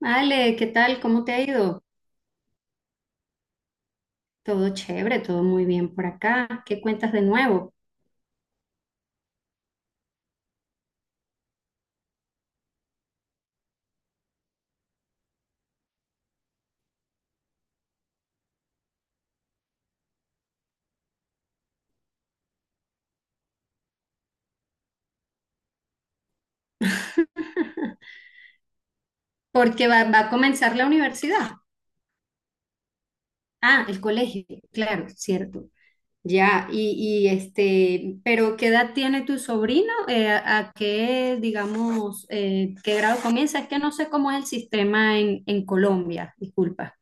Ale, ¿qué tal? ¿Cómo te ha ido? Todo chévere, todo muy bien por acá. ¿Qué cuentas de nuevo? Porque va a comenzar la universidad. Ah, el colegio, claro, cierto. Ya, este, pero ¿qué edad tiene tu sobrino? ¿A qué, digamos, qué grado comienza? Es que no sé cómo es el sistema en Colombia, disculpa.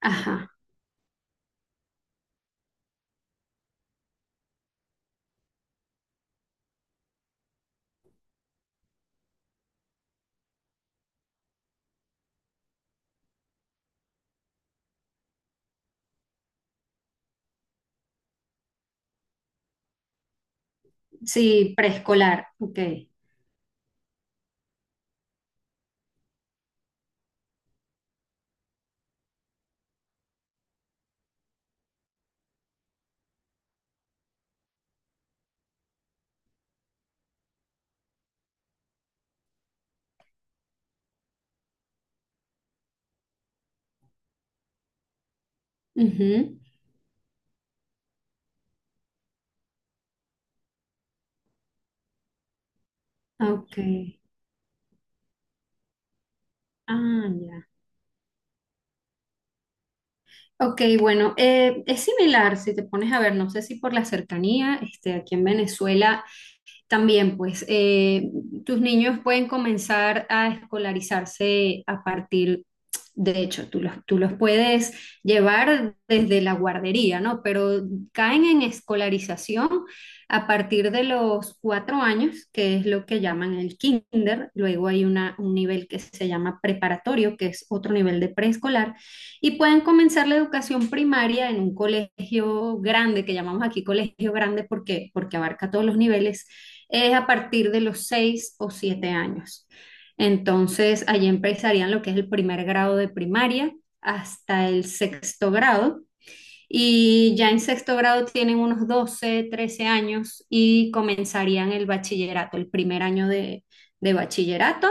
Ajá, sí, preescolar, ok. Ujú. Ok. Ah, ya. Ok, bueno, es similar si te pones a ver, no sé si por la cercanía, este, aquí en Venezuela también, pues, tus niños pueden comenzar a escolarizarse a partir, de hecho, tú los puedes llevar desde la guardería, ¿no? Pero caen en escolarización a partir de los 4 años, que es lo que llaman el kinder. Luego hay un nivel que se llama preparatorio, que es otro nivel de preescolar. Y pueden comenzar la educación primaria en un colegio grande, que llamamos aquí colegio grande porque, abarca todos los niveles, es a partir de los 6 o 7 años. Entonces, allí empezarían lo que es el primer grado de primaria hasta el sexto grado, y ya en sexto grado tienen unos 12 13 años y comenzarían el bachillerato, el primer año de bachillerato,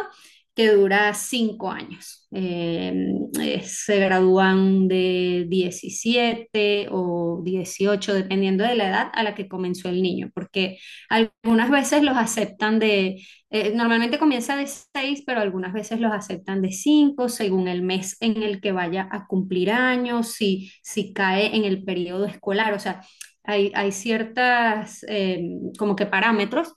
que dura 5 años. Se gradúan de 17 o 18 dependiendo de la edad a la que comenzó el niño, porque algunas veces los aceptan de normalmente comienza de 6, pero algunas veces los aceptan de 5, según el mes en el que vaya a cumplir años, si cae en el periodo escolar. O sea, hay ciertas como que parámetros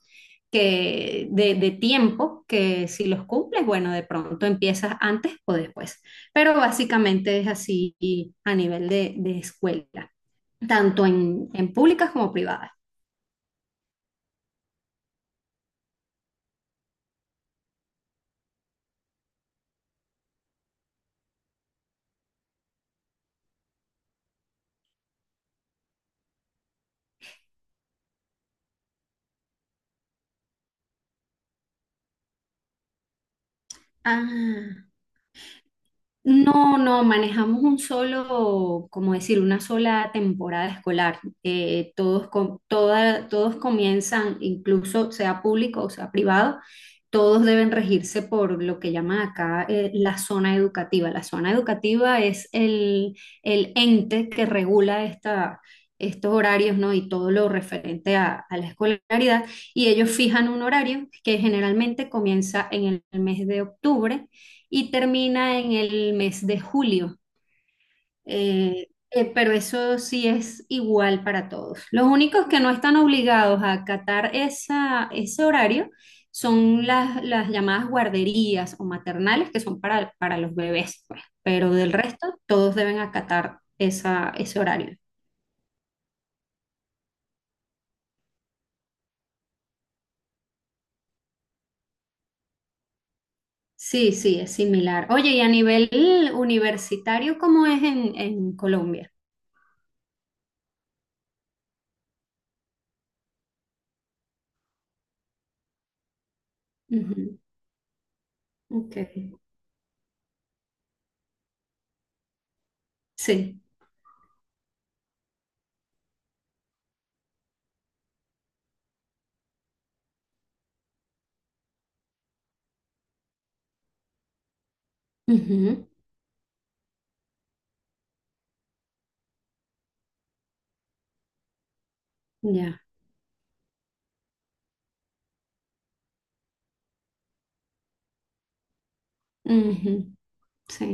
que de tiempo que si los cumples, bueno, de pronto empiezas antes o después. Pero básicamente es así a nivel de escuela, tanto en públicas como privadas. Ah. No, no, manejamos un solo, como decir, una sola temporada escolar. Todos comienzan, incluso sea público o sea privado, todos deben regirse por lo que llaman acá, la zona educativa. La zona educativa es el ente que regula estos horarios, ¿no? Y todo lo referente a la escolaridad. Y ellos fijan un horario que generalmente comienza en el mes de octubre y termina en el mes de julio. Pero eso sí es igual para todos. Los únicos que no están obligados a acatar ese horario son las llamadas guarderías o maternales, que son para los bebés, pues. Pero del resto, todos deben acatar ese horario. Sí, sí, es similar. Oye, y a nivel universitario, ¿cómo es en Colombia? Ujú. Ok, sí, ujú, ya. Ujú. Sí.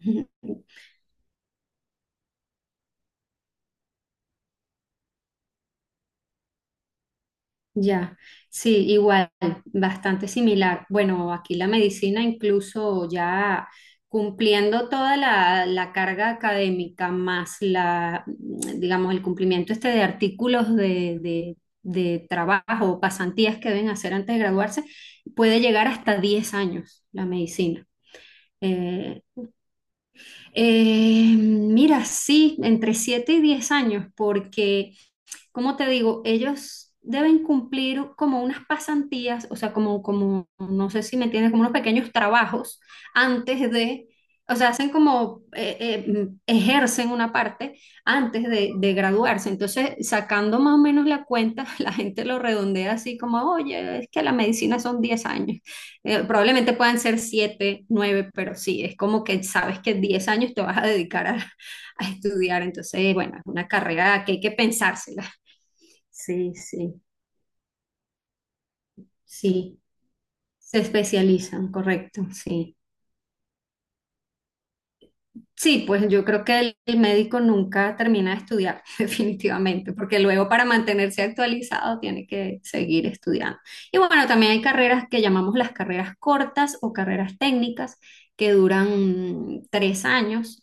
Ya, sí, igual, bastante similar. Bueno, aquí la medicina, incluso ya cumpliendo toda la carga académica, más la, digamos, el cumplimiento este de artículos de trabajo o pasantías que deben hacer antes de graduarse, puede llegar hasta 10 años la medicina. Eh, Mira, sí, entre 7 y 10 años, porque ¿cómo te digo? Ellos deben cumplir como unas pasantías, o sea, como, no sé si me entiendes, como unos pequeños trabajos antes de, o sea, hacen como, ejercen una parte antes de graduarse. Entonces, sacando más o menos la cuenta, la gente lo redondea así como, oye, es que la medicina son 10 años. Probablemente puedan ser 7 nueve, pero sí, es como que sabes que 10 años te vas a dedicar a estudiar. Entonces, bueno, es una carrera que hay que pensársela. Sí, sí, sí, se especializan, correcto, sí. Sí, pues yo creo que el médico nunca termina de estudiar, definitivamente, porque luego, para mantenerse actualizado, tiene que seguir estudiando. Y bueno, también hay carreras que llamamos las carreras cortas o carreras técnicas que duran, 3 años.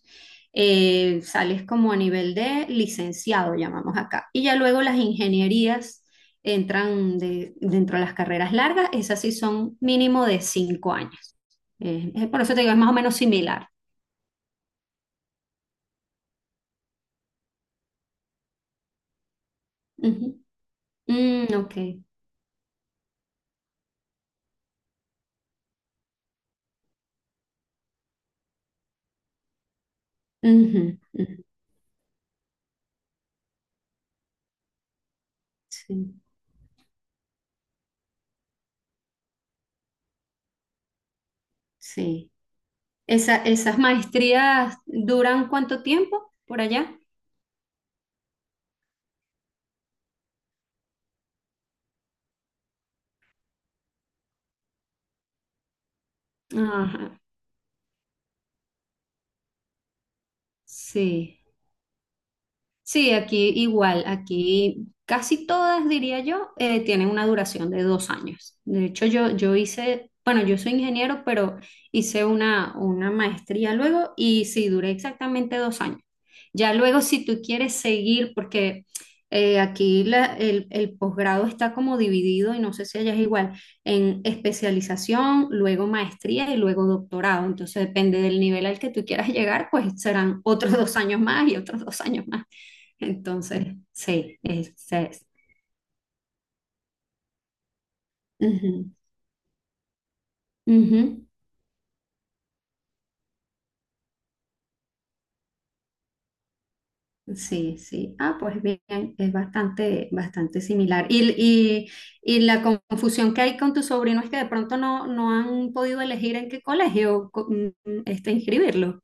Sales como a nivel de licenciado, llamamos acá. Y ya luego las ingenierías entran dentro de las carreras largas, esas sí son mínimo de 5 años. Por eso te digo, es más o menos similar. Mm, ok. Ujú, ujú. Sí, sí. Esas maestrías duran cuánto tiempo por allá? Ajá, sí. Sí, aquí igual, aquí casi todas, diría yo, tienen una duración de 2 años. De hecho, yo hice, bueno, yo soy ingeniero, pero hice una maestría luego y sí, duré exactamente 2 años. Ya luego, si tú quieres seguir, porque aquí el posgrado está como dividido, y no sé si allá es igual, en especialización, luego maestría y luego doctorado. Entonces, depende del nivel al que tú quieras llegar, pues serán otros 2 años más y otros 2 años más. Entonces, sí, ujú, ujú. Sí, sí. Ah, pues bien, es bastante, bastante similar. Y la confusión que hay con tu sobrino es que de pronto no han podido elegir en qué colegio este, inscribirlo.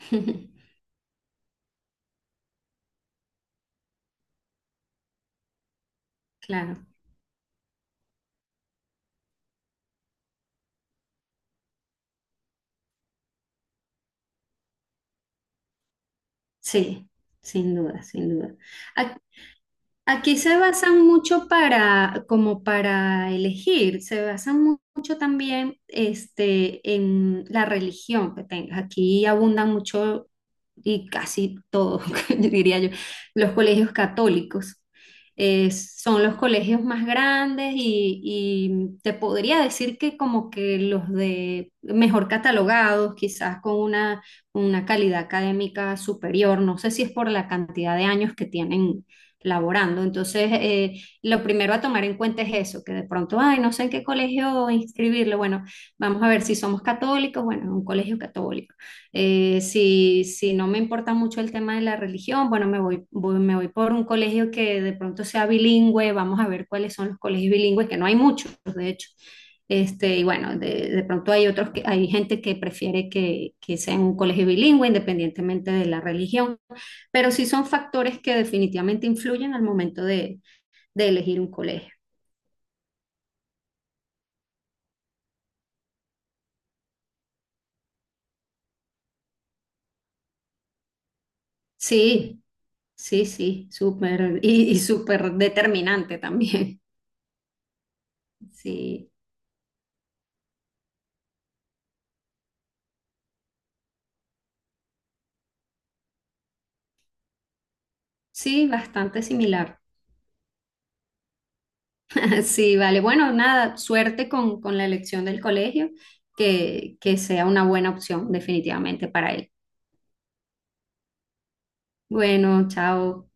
Claro, sí, sin duda, sin duda. Aquí se basan mucho para, como para elegir, se basan mucho también este, en la religión que tengas. Aquí abundan mucho y casi todos, yo diría yo, los colegios católicos. Son los colegios más grandes y, te podría decir que como que los de mejor catalogados, quizás con una calidad académica superior. No sé si es por la cantidad de años que tienen laborando. Entonces, lo primero a tomar en cuenta es eso, que de pronto, ay, no sé en qué colegio inscribirlo. Bueno, vamos a ver si somos católicos, bueno, en un colegio católico. Si no me importa mucho el tema de la religión, bueno, me voy por un colegio que de pronto sea bilingüe, vamos a ver cuáles son los colegios bilingües, que no hay muchos, de hecho. Este, y bueno, de pronto hay otros que hay gente que prefiere que sea en un colegio bilingüe, independientemente de la religión, pero sí son factores que definitivamente influyen al momento de elegir un colegio. Sí, sí, sí, súper y, súper determinante también. Sí, sí, bastante similar. Sí, vale. Bueno, nada, suerte con la elección del colegio, que sea una buena opción definitivamente para él. Bueno, chao.